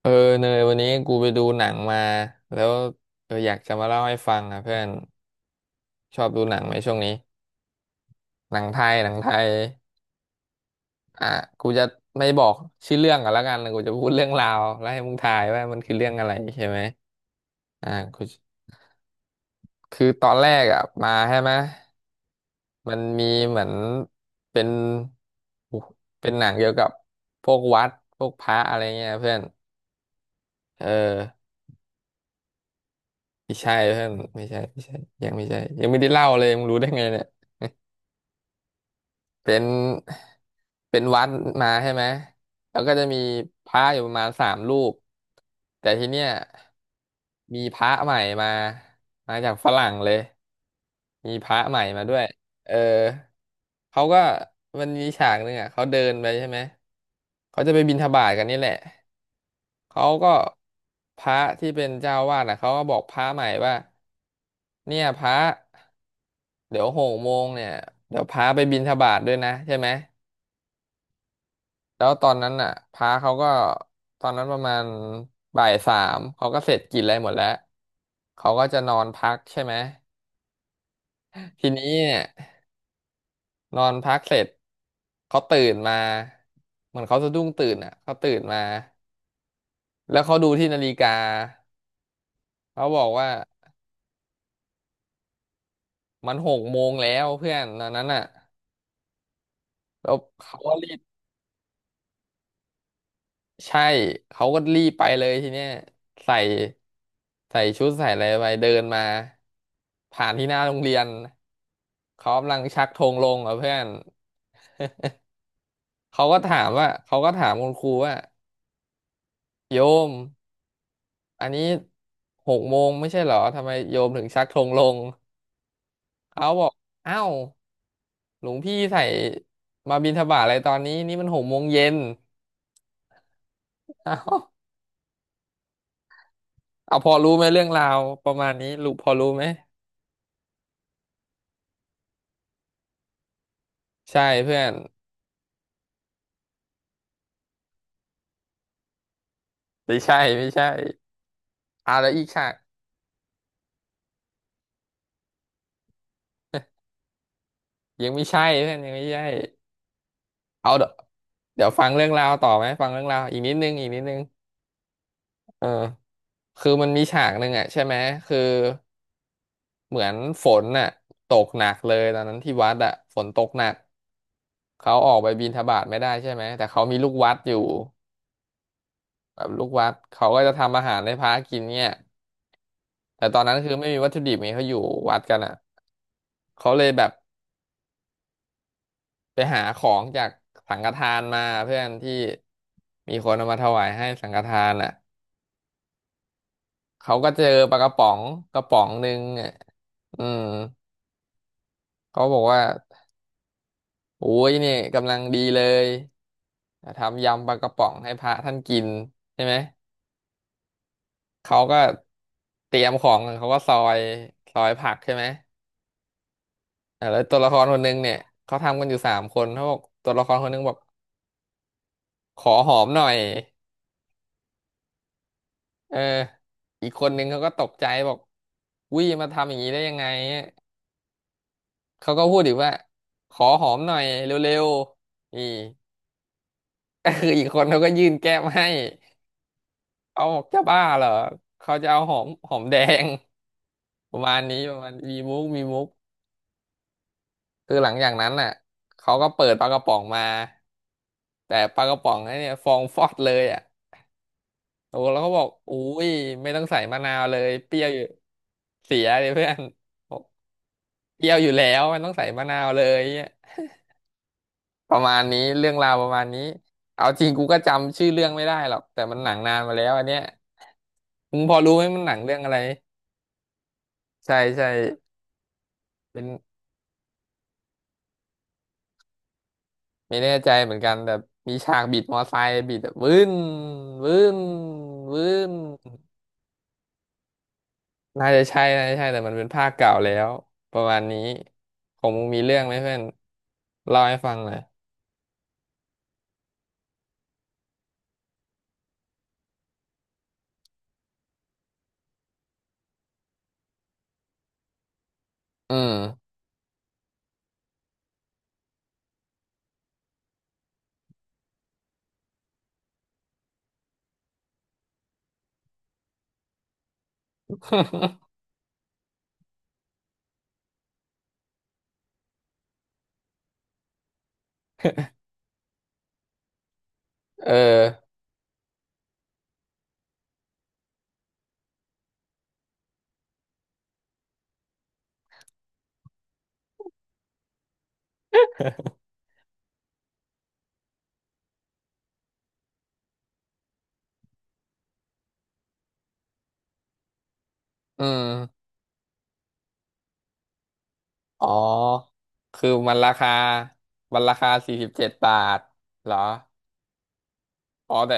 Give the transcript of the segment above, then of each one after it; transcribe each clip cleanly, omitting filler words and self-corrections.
เออเนยวันนี้กูไปดูหนังมาแล้วอยากจะมาเล่าให้ฟังอ่ะเพื่อนชอบดูหนังไหมช่วงนี้หนังไทยอ่ะกูจะไม่บอกชื่อเรื่องกันแล้วกันกูจะพูดเรื่องราวแล้วให้มึงทายว่ามันคือเรื่องอะไรใช่ไหมอ่ะกูคือตอนแรกอ่ะมาใช่ไหมมันมีเหมือนเป็นเป็นหนังเกี่ยวกับพวกวัดพวกพระอะไรเงี้ยเพื่อนเออไม่ใช่เพื่อนไม่ใช่ยังไม่ใช่ยังไม่ได้เล่าเลยมึงรู้ได้ไงเนี่ย เป็นเป็นวัดมาใช่ไหม แล้วก็จะมีพระอยู่ประมาณสามรูปแต่ทีเนี้ยมีพระใหม่มามาจากฝรั่งเลยมีพระใหม่มาด้วยเออเขาก็มันมีฉากหนึ่งอ่ะเขาเดินไปใช่ไหม เขาจะไปบิณฑบาตกันนี่แหละ เขาก็พระที่เป็นเจ้าวาดอ่ะเขาก็บอกพระใหม่ว่าเนี่ยพระเดี๋ยวหกโมงเนี่ยเดี๋ยวพระไปบิณฑบาตด้วยนะใช่ไหม แล้วตอนนั้นน่ะพระเขาก็ตอนนั้นประมาณบ่ายสามเขาก็เสร็จกินอะไรหมดแล้วเขาก็จะนอนพักใช่ไหมทีนี้เนี่ยนอนพักเสร็จเขาตื่นมาเหมือนเขาสะดุ้งตื่นอ่ะเขาตื่นมาแล้วเขาดูที่นาฬิกาเขาบอกว่ามันหกโมงแล้วเพื่อนตอนนั้นอ่ะแล้วเขาก็รี ใช่เขาก็รีบไปเลยทีเนี้ยใส่ใส่ชุดใส่อะไรไปเดินมาผ่านที่หน้าโรงเรียนเขากำลังชักธงลงอ่ะเพื่อนเขาก็ถามว่าเขาก็ถามคุณครูว่าโยมอันนี้หกโมงไม่ใช่เหรอทำไมโยมถึงชักธงลงเขาบอกเอ้าวหลวงพี่ใส่มาบิณฑบาตอะไรตอนนี้นี่มันหกโมงเย็นเอ้าเอาพอรู้ไหมเรื่องราวประมาณนี้รู้พอรู้ไหมใช่เพื่อน ไม่ใช่เอาแล้วอีกค่ะยังไม่ใช่ท่านยังไม่ใช่เอาเดี๋ยวเดี๋ยวฟังเรื่องราวต่อไหมฟังเรื่องราวอีกนิดนึงเออคือมันมีฉากหนึ่งอ่ะใช่ไหมคือเหมือนฝนน่ะตกหนักเลยตอนนั้นที่วัดอ่ะฝนตกหนักเขาออกไปบิณฑบาตไม่ได้ใช่ไหมแต่เขามีลูกวัดอยู่แบบลูกวัดเขาก็จะทำอาหารให้พระกินเนี่ยแต่ตอนนั้นคือไม่มีวัตถุดิบไงเขาอยู่วัดกันอ่ะเขาเลยแบบ ไปหาของจากสังฆทานมาเพื่อนที่มีคนเอามาถวายให้สังฆทานอ่ะเขาก็เจอปลากระป๋องกระป๋องหนึ่งอ่ะอืมเขาบอกว่าโอ้ยเนี่ยกำลังดีเลยทำยำปลากระป๋องให้พระท่านกินใช่ไหมเขาก็เตรียมของเขาก็ซอยผักใช่ไหมอ่ะแล้วตัวละครคนหนึงเนี่ยเขาทำกันอยู่สามคนเขาบอกตัวละครคนหนึงบอกขอหอมหน่อย เอออีกคนนึงเขาก็ตกใจบอกวิมาทำอย่างนี้ได้ยังไงเขาก็พูดอีกว่าขอหอมหน่อยเร็วๆนี่ ก็คืออีกคนเขาก็ยื่นแก้มให้เอาบอกจะบ้าเหรอเขาจะเอาหอมแดง ประมาณนี้ประมาณมีมุกคือหลังจากนั้นน่ะเขาก็เปิดปลากระป๋องมาแต่ปลากระป๋องนั้นเนี่ยฟองฟอดเลยอ่ะโอ้แล้วเขาบอกอุ้ยไม่ต้องใส่มะนาวเลยเปรี้ยวอยู่เสียเลยเพื่อน เปรี้ยวอยู่แล้วมันต้องใส่มะนาวเลยเนี่ยประมาณนี้เรื่องราวประมาณนี้เอาจริงกูก็จำชื่อเรื่องไม่ได้หรอกแต่มันหนังนานมาแล้วอันเนี้ยมึงพอรู้ไหมมันหนังเรื่องอะไรใช่เป็นไม่แน่ใจเหมือนกันแต่มีฉากบิดมอไซค์บิดแบบวื้นวื้นน่าจะใช่แต่มันเป็นภาคเก่าแล้วประมาณนี้ของมึงมีเรื่องไหมเพื่อนเล่าให้ฟังหน่อยอืมเอออืม อ๋อคือมันราคามันราคาสี่สิบเจ็ดบาทเหรออ๋อแต่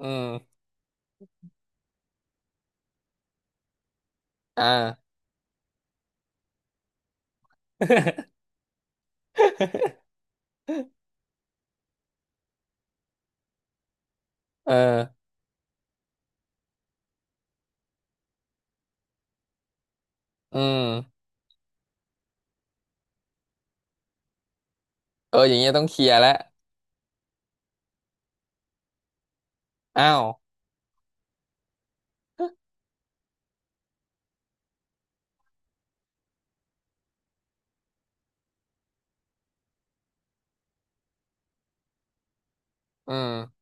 อืม อ่า เออ อืม เอออย่างเงี้ยต้องเคลียร์แล้วอ้าวอืม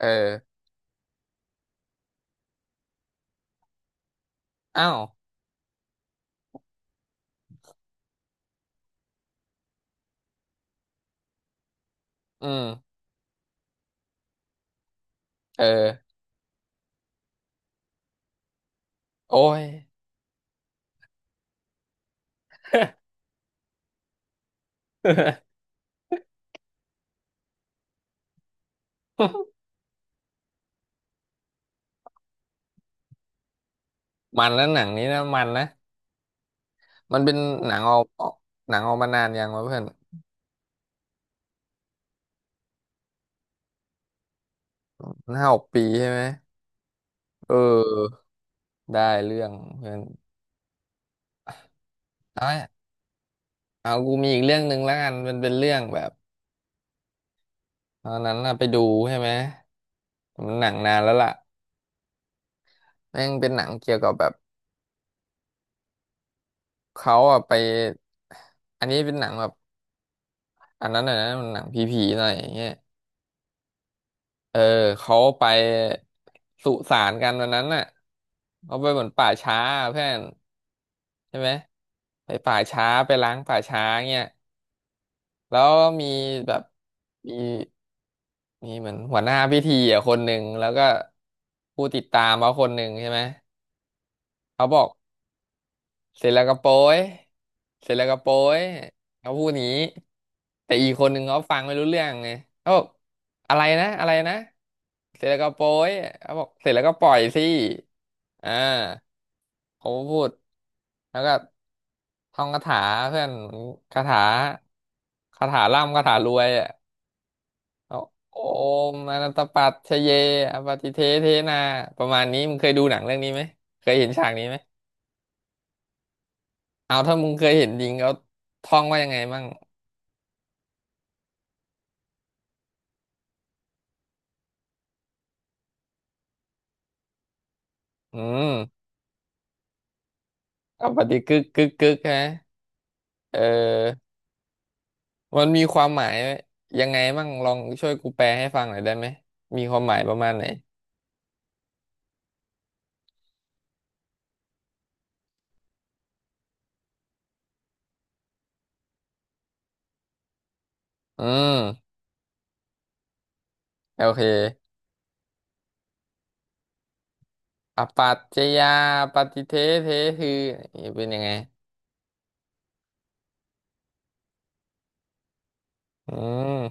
เอออ้าวอืมเออ โอ้ย มันแล้วหนังนี้นะมันนะมันเป็นหนังออกหนังออกมานานยังวะเพื่อนห้าหกปีใช่ไหมเออ ได้เรื่องเพื่อนเอาเอา กูมีอีกเรื่องหนึ่งแล้วกันมันเป็นเรื่องแบบ ตอนนั้นน่ะไปดูใช่ไหมมันหนังนานแล้วล่ะแม่งเป็นหนังเกี่ยวกับแบบเขาอะไปอันนี้เป็นหนังแบบอันนั้นน่ะนะมันหนังผีๆหน่อยอย่างเงี้ยเออเขาไปสุสานกันวันนั้นน่ะเขาไปเหมือนป่าช้าเพื่อนใช่ไหมไปป่าช้าไปล้างป่าช้าเงี้ยแล้วมีแบบมีมีเหมือนหัวหน้าพิธีอ่ะคนหนึ่งแล้วก็ผู้ติดตามเขาคนหนึ่งใช่ไหมเขาบอก เสร็จแล้วก็โป้ยเสร็จแล้วก็โป้ยเขาพูดอย่างนี้แต่อีกคนหนึ่งเขาฟังไม่รู้เรื่องไงเขาบอกอะไรนะเสร็จแล้วก็โป้ยเขาบอกเสร็จแล้วก็ปล่อยสิอ่าเขาก็พูดแล้วก็ท่องคาถาเพื่อนคาถาคาถาร่ำคาถารวยอ่ะเอาโอมอนันตปัจฉเยอปฏิเทเทนาประมาณนี้มึงเคยดูหนังเรื่องนี้ไหมเคยเห็นฉากนี้ไหม เอาถ้ามึงเคยเห็นลิงเขาท่องว่ายังไงมั่งอืมเอาปฏิกึกกึกกึกฮะเออมันมีความหมายยังไงมั่งลองช่วยกูแปลให้ฟังหน่อยได้ไหมมีความหมายประมาณไหนอืมโอเคอปัจจยาปฏิเทเทคือนี่เป็นยังไงอืม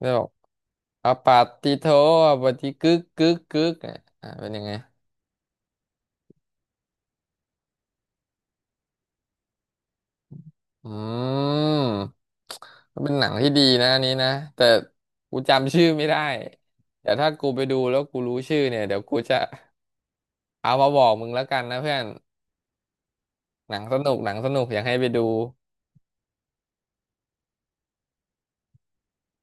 แล้วบอกอปัตติโทอปฏิกึกกึกกึกอ่ะอ่ะเป็นยังไง อืมก็เป็นหนังที่ดีนะอันนี้นะแต่กูจำชื่อไม่ได้เดี๋ยวถ้ากูไปดูแล้วกูรู้ชื่อเนี่ยเดี๋ยวกูจะเอามาบอกมึงแล้วกันนะเพื่อนหนังสนุกอยากให้ไปดู